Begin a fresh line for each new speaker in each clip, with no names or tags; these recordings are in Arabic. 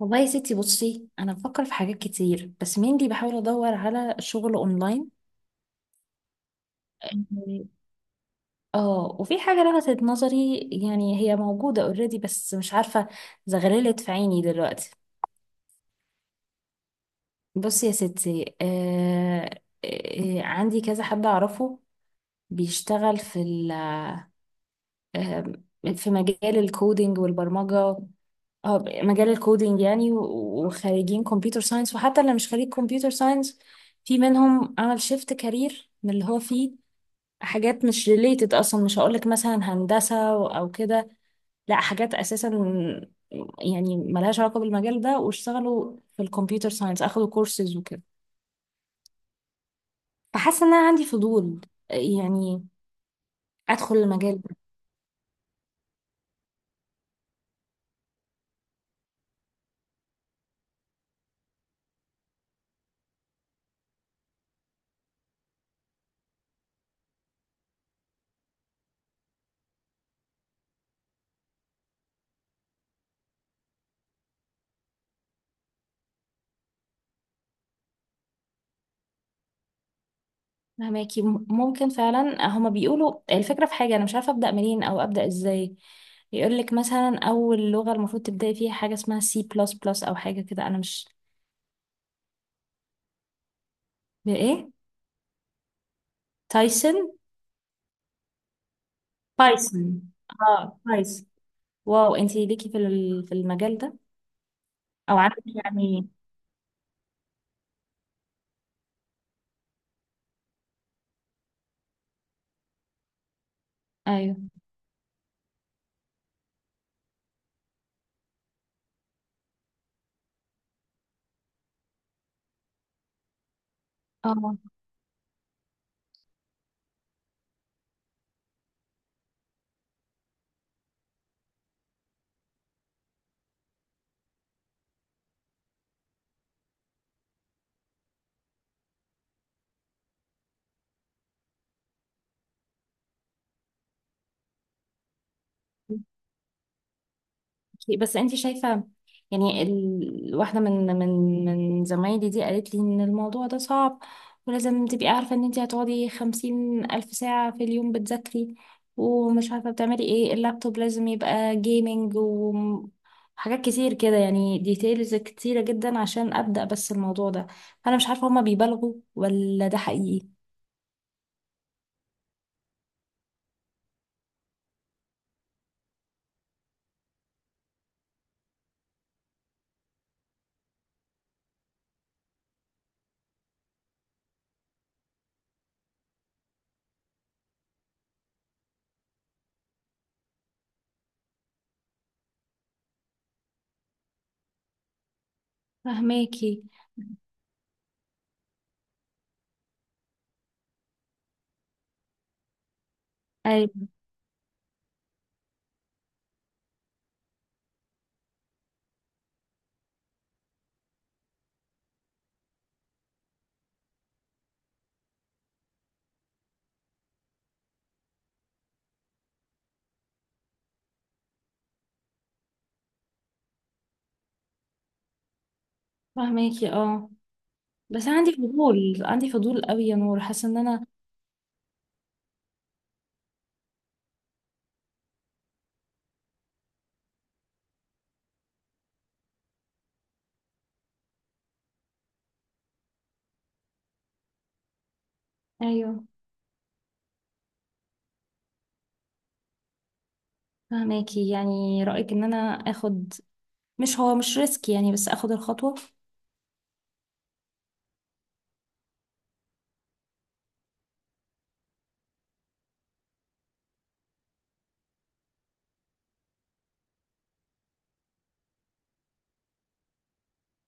والله يا ستي بصي انا بفكر في حاجات كتير بس mainly بحاول ادور على شغل اونلاين. إيه. اه وفي حاجه لفتت نظري، يعني هي موجوده اوريدي بس مش عارفه، زغللت في عيني دلوقتي. بصي يا ستي، عندي كذا حد اعرفه بيشتغل في ال آه في مجال الكودينج والبرمجه. اه. مجال الكودينج يعني وخريجين كمبيوتر ساينس، وحتى اللي مش خريج كمبيوتر ساينس في منهم عمل شيفت كارير من اللي هو فيه حاجات مش ريليتد اصلا. مش هقولك مثلا هندسة او كده، لا حاجات اساسا يعني ملهاش علاقة بالمجال ده، واشتغلوا في الكمبيوتر ساينس، اخدوا كورسز وكده. فحاسة ان انا عندي فضول، يعني ادخل المجال. فهماكي. ممكن فعلا، هما بيقولوا الفكرة في حاجة أنا مش عارفة أبدأ منين أو أبدأ إزاي، يقولك مثلا أول لغة المفروض تبدأي فيها حاجة اسمها سي بلس بلس أو حاجة كده. أنا مش، بإيه؟ تايسون؟ بايثون؟ اه بايثون. واو، انتي ليكي في في المجال ده أو عندك يعني؟ أيوه. اه. بس انت شايفة يعني واحدة من زمايلي دي قالت لي ان الموضوع ده صعب، ولازم تبقي عارفة ان انت هتقعدي 50,000 ساعة في اليوم بتذاكري، ومش عارفة بتعملي ايه، اللابتوب لازم يبقى جيمنج، وحاجات كتير كده يعني ديتيلز كتيرة جدا عشان أبدأ بس الموضوع ده. فأنا مش عارفة هما بيبالغوا ولا ده حقيقي. فهماكي. أيوة. فهماكي، اه، بس أنا عندي فضول، عندي فضول قوي يا نور، حاسة ان انا. ايوه. فهماكي، يعني رأيك ان انا اخد، مش هو مش ريسك يعني بس اخد الخطوة.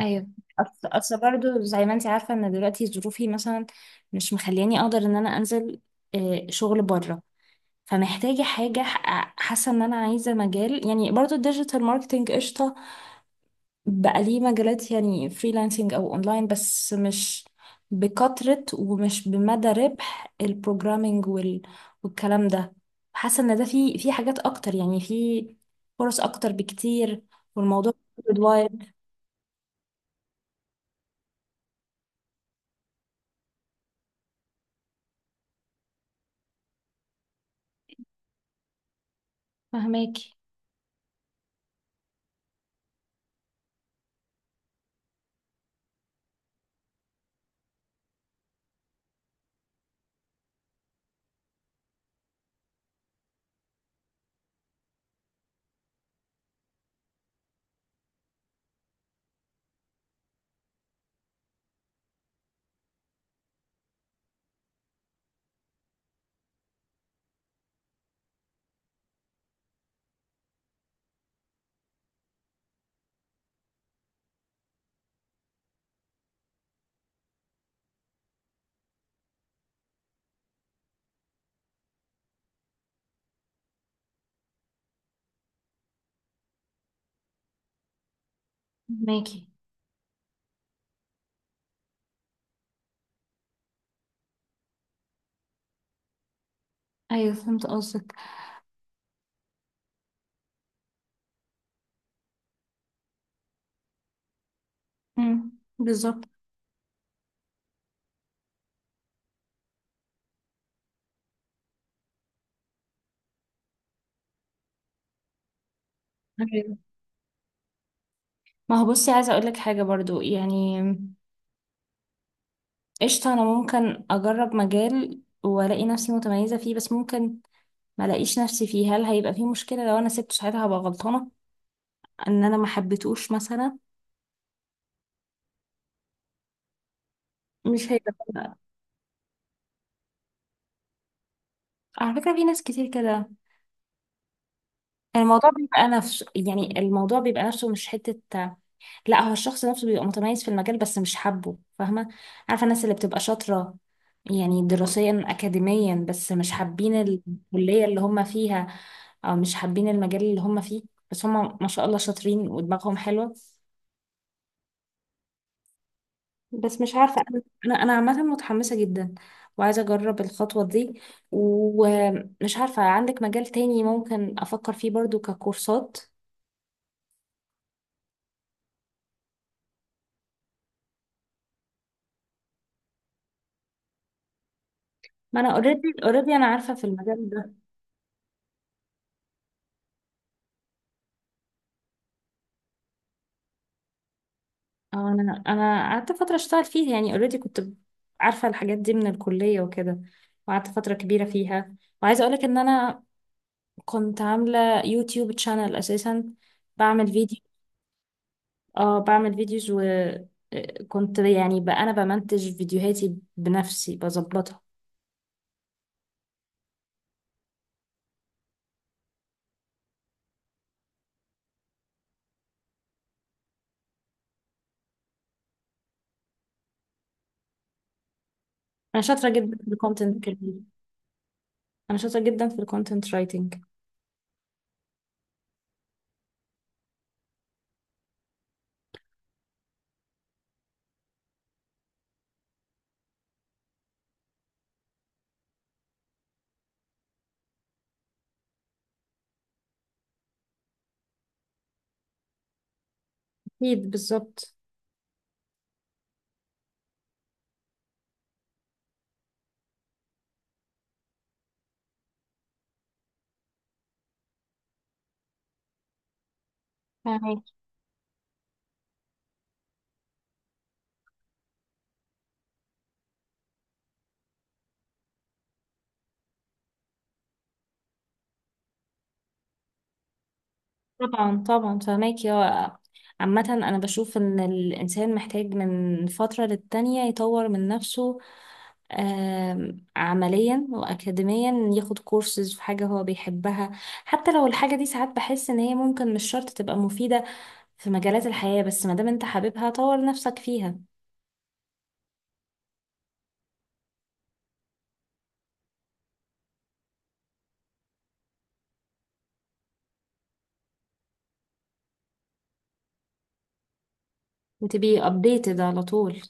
ايوه. أصل برضو زي ما انت عارفة ان دلوقتي ظروفي مثلا مش مخلياني اقدر ان انا انزل شغل بره، فمحتاجة حاجة، حاسة ان انا عايزة مجال، يعني برضو الديجيتال ماركتينج قشطة، بقى ليه مجالات يعني فريلانسنج او اونلاين، بس مش بكثرة ومش بمدى ربح البروجرامينج والكلام ده. حاسه ان ده في حاجات اكتر، يعني في فرص اكتر بكتير، والموضوع وايد. فهماكي. فهماكي، ايوه فهمت قصدك. امم. بالظبط. أيوة. ما هو بصي عايزه اقول لك حاجه برضو يعني قشطه، انا ممكن اجرب مجال والاقي نفسي متميزه فيه، بس ممكن ما لاقيش نفسي فيه. هل هيبقى فيه مشكلة لو انا سبته ساعتها؟ هبقى غلطانة ان انا ما حبيتهوش مثلا؟ مش هيبقى، على فكرة، في ناس كتير كده. الموضوع بيبقى نفسه، يعني الموضوع بيبقى نفسه، مش حتة، لا هو الشخص نفسه بيبقى متميز في المجال بس مش حابه، فاهمة؟ عارفة الناس اللي بتبقى شاطرة يعني دراسيا أكاديميا، بس مش حابين الكلية اللي هم فيها أو مش حابين المجال اللي هم فيه، بس هم ما شاء الله شاطرين ودماغهم حلوة. بس مش عارفة، أنا عامة متحمسة جدا وعايزة أجرب الخطوة دي، ومش عارفة عندك مجال تاني ممكن أفكر فيه برضو ككورسات؟ ما أنا اوريدي، أنا عارفة في المجال ده. أو أنا، قعدت فترة أشتغل فيه، يعني اوريدي كنت عارفة الحاجات دي من الكلية وكده، وقعدت فترة كبيرة فيها. وعايزة أقولك إن أنا كنت عاملة يوتيوب تشانل أساسا، بعمل فيديو. اه، بعمل فيديوز، وكنت يعني بقى انا بمنتج فيديوهاتي بنفسي بظبطها. انا شاطره جدا في الكونتنت. انا شاطره جدا في الكونتنت رايتنج. اكيد، بالظبط. فاهمك. طبعا طبعا فهماك يا، عامة أنا بشوف إن الإنسان محتاج من فترة للتانية يطور من نفسه، عمليا وأكاديميا، ياخد كورسز في حاجة هو بيحبها، حتى لو الحاجة دي ساعات بحس إن هي ممكن مش شرط تبقى مفيدة في مجالات الحياة، بس ما دام انت حاببها طور نفسك فيها، وتبقي updated على طول.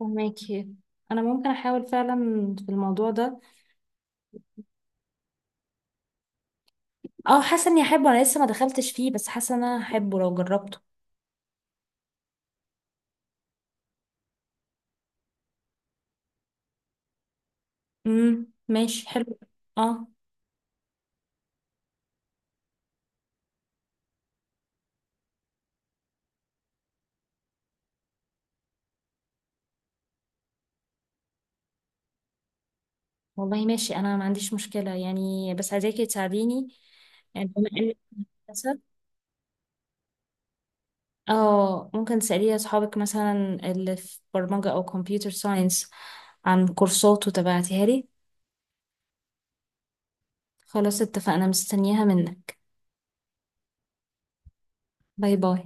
فهماكي. انا ممكن احاول فعلا في الموضوع ده. اه، حاسه اني احبه، انا لسه ما دخلتش فيه بس حاسه ان انا احبه لو جربته. امم، ماشي حلو. اه. والله ماشي، انا ما عنديش مشكله يعني بس عايزاكي تساعديني. يعني بما انك هندسة، اه، ممكن تسألي اصحابك مثلا اللي في برمجه او كمبيوتر ساينس عن كورسات وتبعتيها لي. خلاص اتفقنا، مستنياها منك. باي باي.